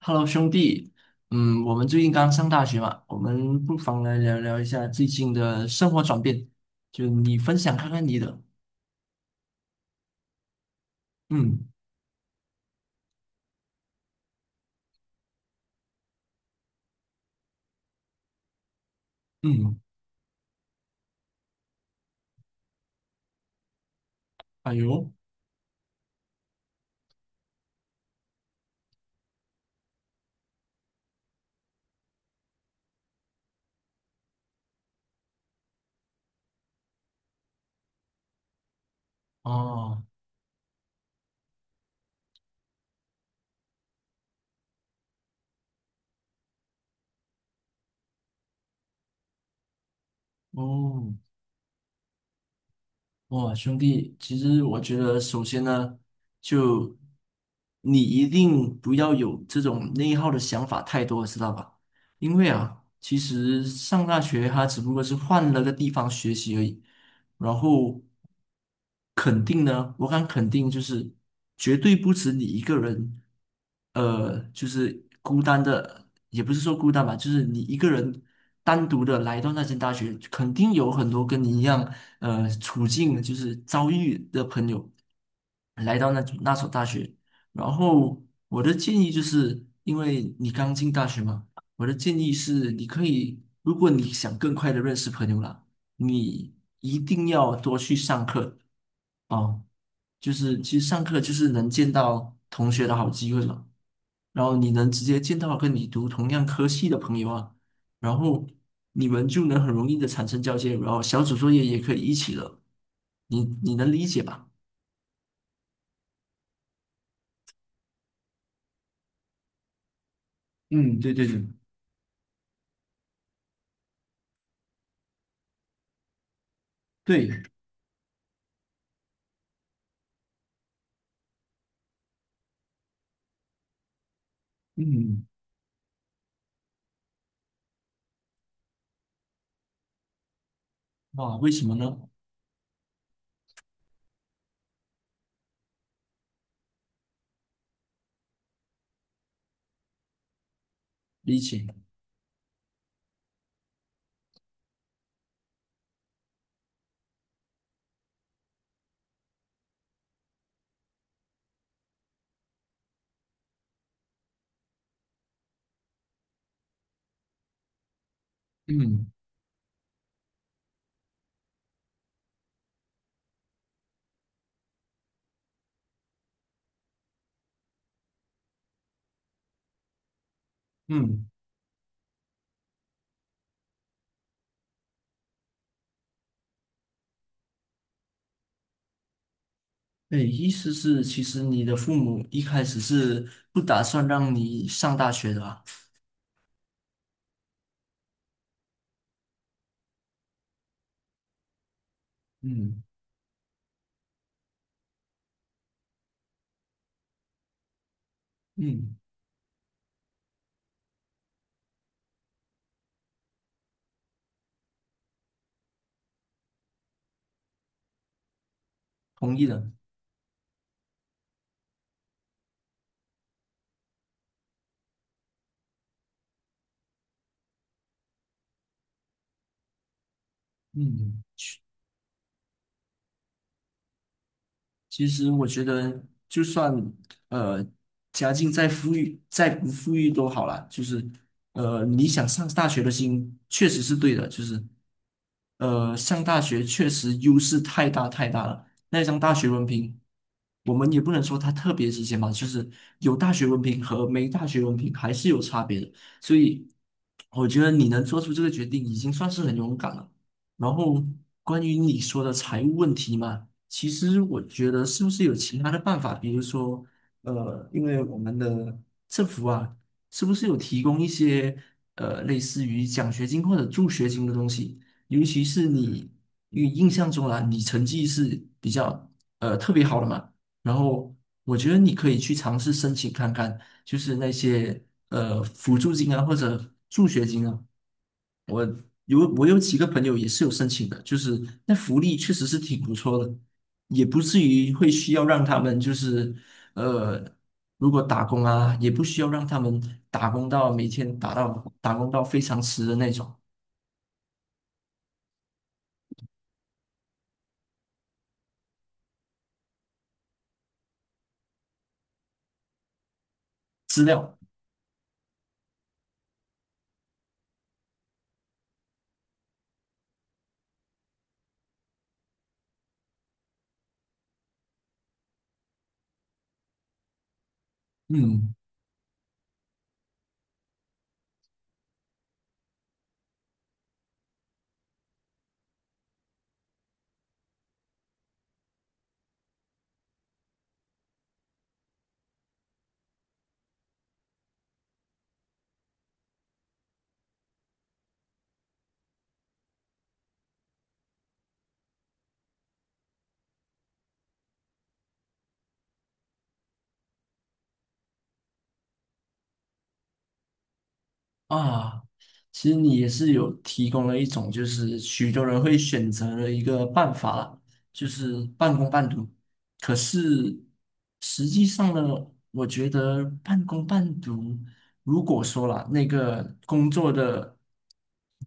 Hello，兄弟，我们最近刚上大学嘛，我们不妨来聊聊一下最近的生活转变，就你分享看看你的。嗯嗯。哎呦。哦哦。哇，兄弟，其实我觉得首先呢，就你一定不要有这种内耗的想法太多，知道吧？因为啊，其实上大学它只不过是换了个地方学习而已。然后肯定呢，我敢肯定就是绝对不止你一个人，就是孤单的，也不是说孤单吧，就是你一个人单独的来到那间大学，肯定有很多跟你一样，处境就是遭遇的朋友来到那所大学。然后我的建议就是，因为你刚进大学嘛，我的建议是你可以，如果你想更快的认识朋友啦。你一定要多去上课啊！就是其实上课就是能见到同学的好机会了，然后你能直接见到跟你读同样科系的朋友啊，然后你们就能很容易的产生交接，然后小组作业也可以一起了，你能理解吧？嗯，对对对对。嗯。哇，为什么呢？理解。嗯嗯。对，意思是其实你的父母一开始是不打算让你上大学的啊。嗯嗯。同意的。嗯。其实我觉得，就算呃家境再富裕，再不富裕都好啦。就是你想上大学的心确实是对的，呃上大学确实优势太大太大了。那张大学文凭，我们也不能说它特别值钱吧。就是有大学文凭和没大学文凭还是有差别的。所以我觉得你能做出这个决定，已经算是很勇敢了。然后关于你说的财务问题嘛。其实我觉得是不是有其他的办法，比如说，因为我们的政府啊，是不是有提供一些类似于奖学金或者助学金的东西？尤其是你，因为印象中啊，你成绩是比较特别好的嘛，然后我觉得你可以去尝试申请看看，就是那些辅助金啊或者助学金啊。我有几个朋友也是有申请的，就是那福利确实是挺不错的，也不至于会需要让他们呃，如果打工啊，也不需要让他们打工到每天打到打工到非常迟的那种资料。嗯。啊，其实你也是有提供了一种，就是许多人会选择的一个办法啦，就是半工半读。可是实际上呢，我觉得半工半读，如果说啦，那个工作的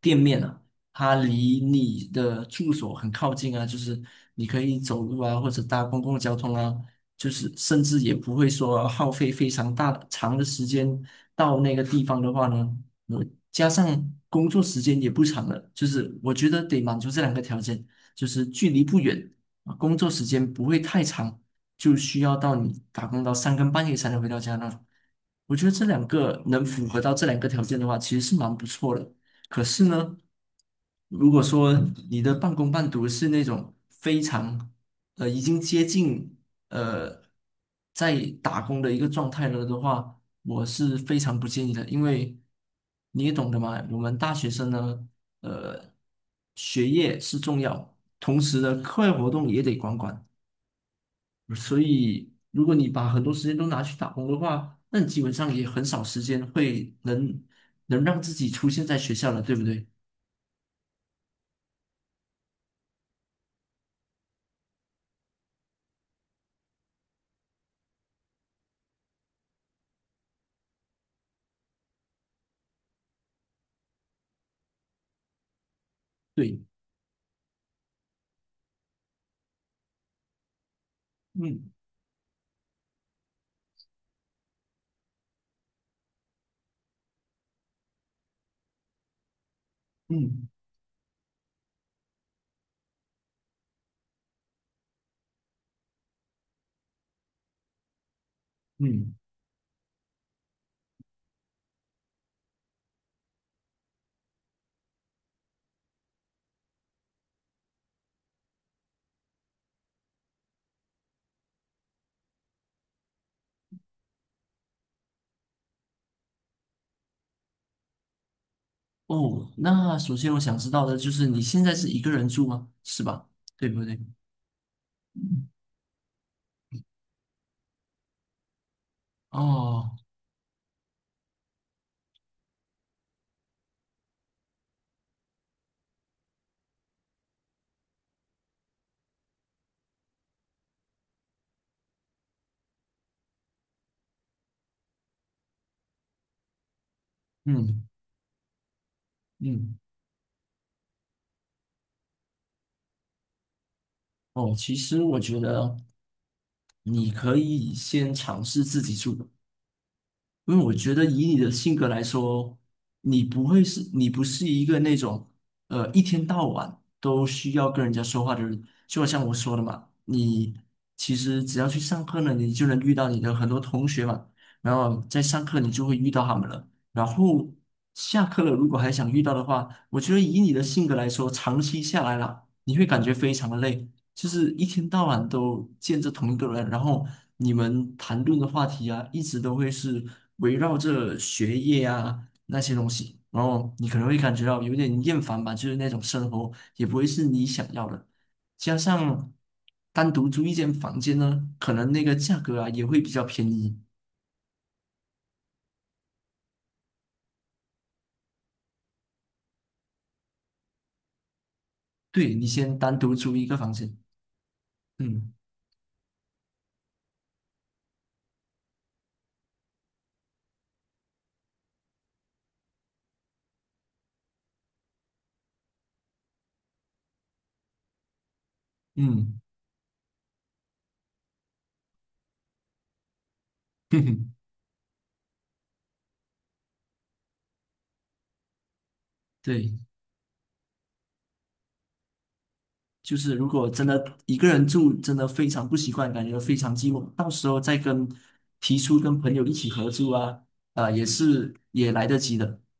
店面啊，它离你的住所很靠近啊，就是你可以走路啊，或者搭公共交通啊，就是甚至也不会说耗费非常大长的时间到那个地方的话呢。我加上工作时间也不长了，就是我觉得得满足这两个条件，就是距离不远啊工作时间不会太长，就需要到你打工到三更半夜才能回到家那种。我觉得这两个能符合到这两个条件的话，其实是蛮不错的。可是呢，如果说你的半工半读是那种非常已经接近。呃，在打工的一个状态了的话，我是非常不建议的，因为你也懂得嘛，我们大学生呢，呃，学业是重要，同时呢，课外活动也得管管，所以如果你把很多时间都拿去打工的话，那你基本上也很少时间能让自己出现在学校了，对不对？对。嗯嗯嗯。哦，那首先我想知道的就是你现在是一个人住吗？是吧？对不对？哦。嗯嗯。哦，其实我觉得你可以先尝试自己住。因为我觉得以你的性格来说，你不是一个那种，一天到晚都需要跟人家说话的人。就好像我说的嘛，你其实只要去上课呢，你就能遇到你的很多同学嘛，然后在上课你就会遇到他们了。然后下课了，如果还想遇到的话，我觉得以你的性格来说，长期下来啦，你会感觉非常的累，就是一天到晚都见着同一个人，然后你们谈论的话题啊，一直都会是围绕着学业啊那些东西，然后你可能会感觉到有点厌烦吧，就是那种生活也不会是你想要的。加上单独租一间房间呢，可能那个价格啊也会比较便宜。对，你先单独租一个房间。嗯嗯。哼哼。对。就是如果真的一个人住，真的非常不习惯，感觉非常寂寞。到时候再跟提出跟朋友一起合租啊，啊、也是也来得及的。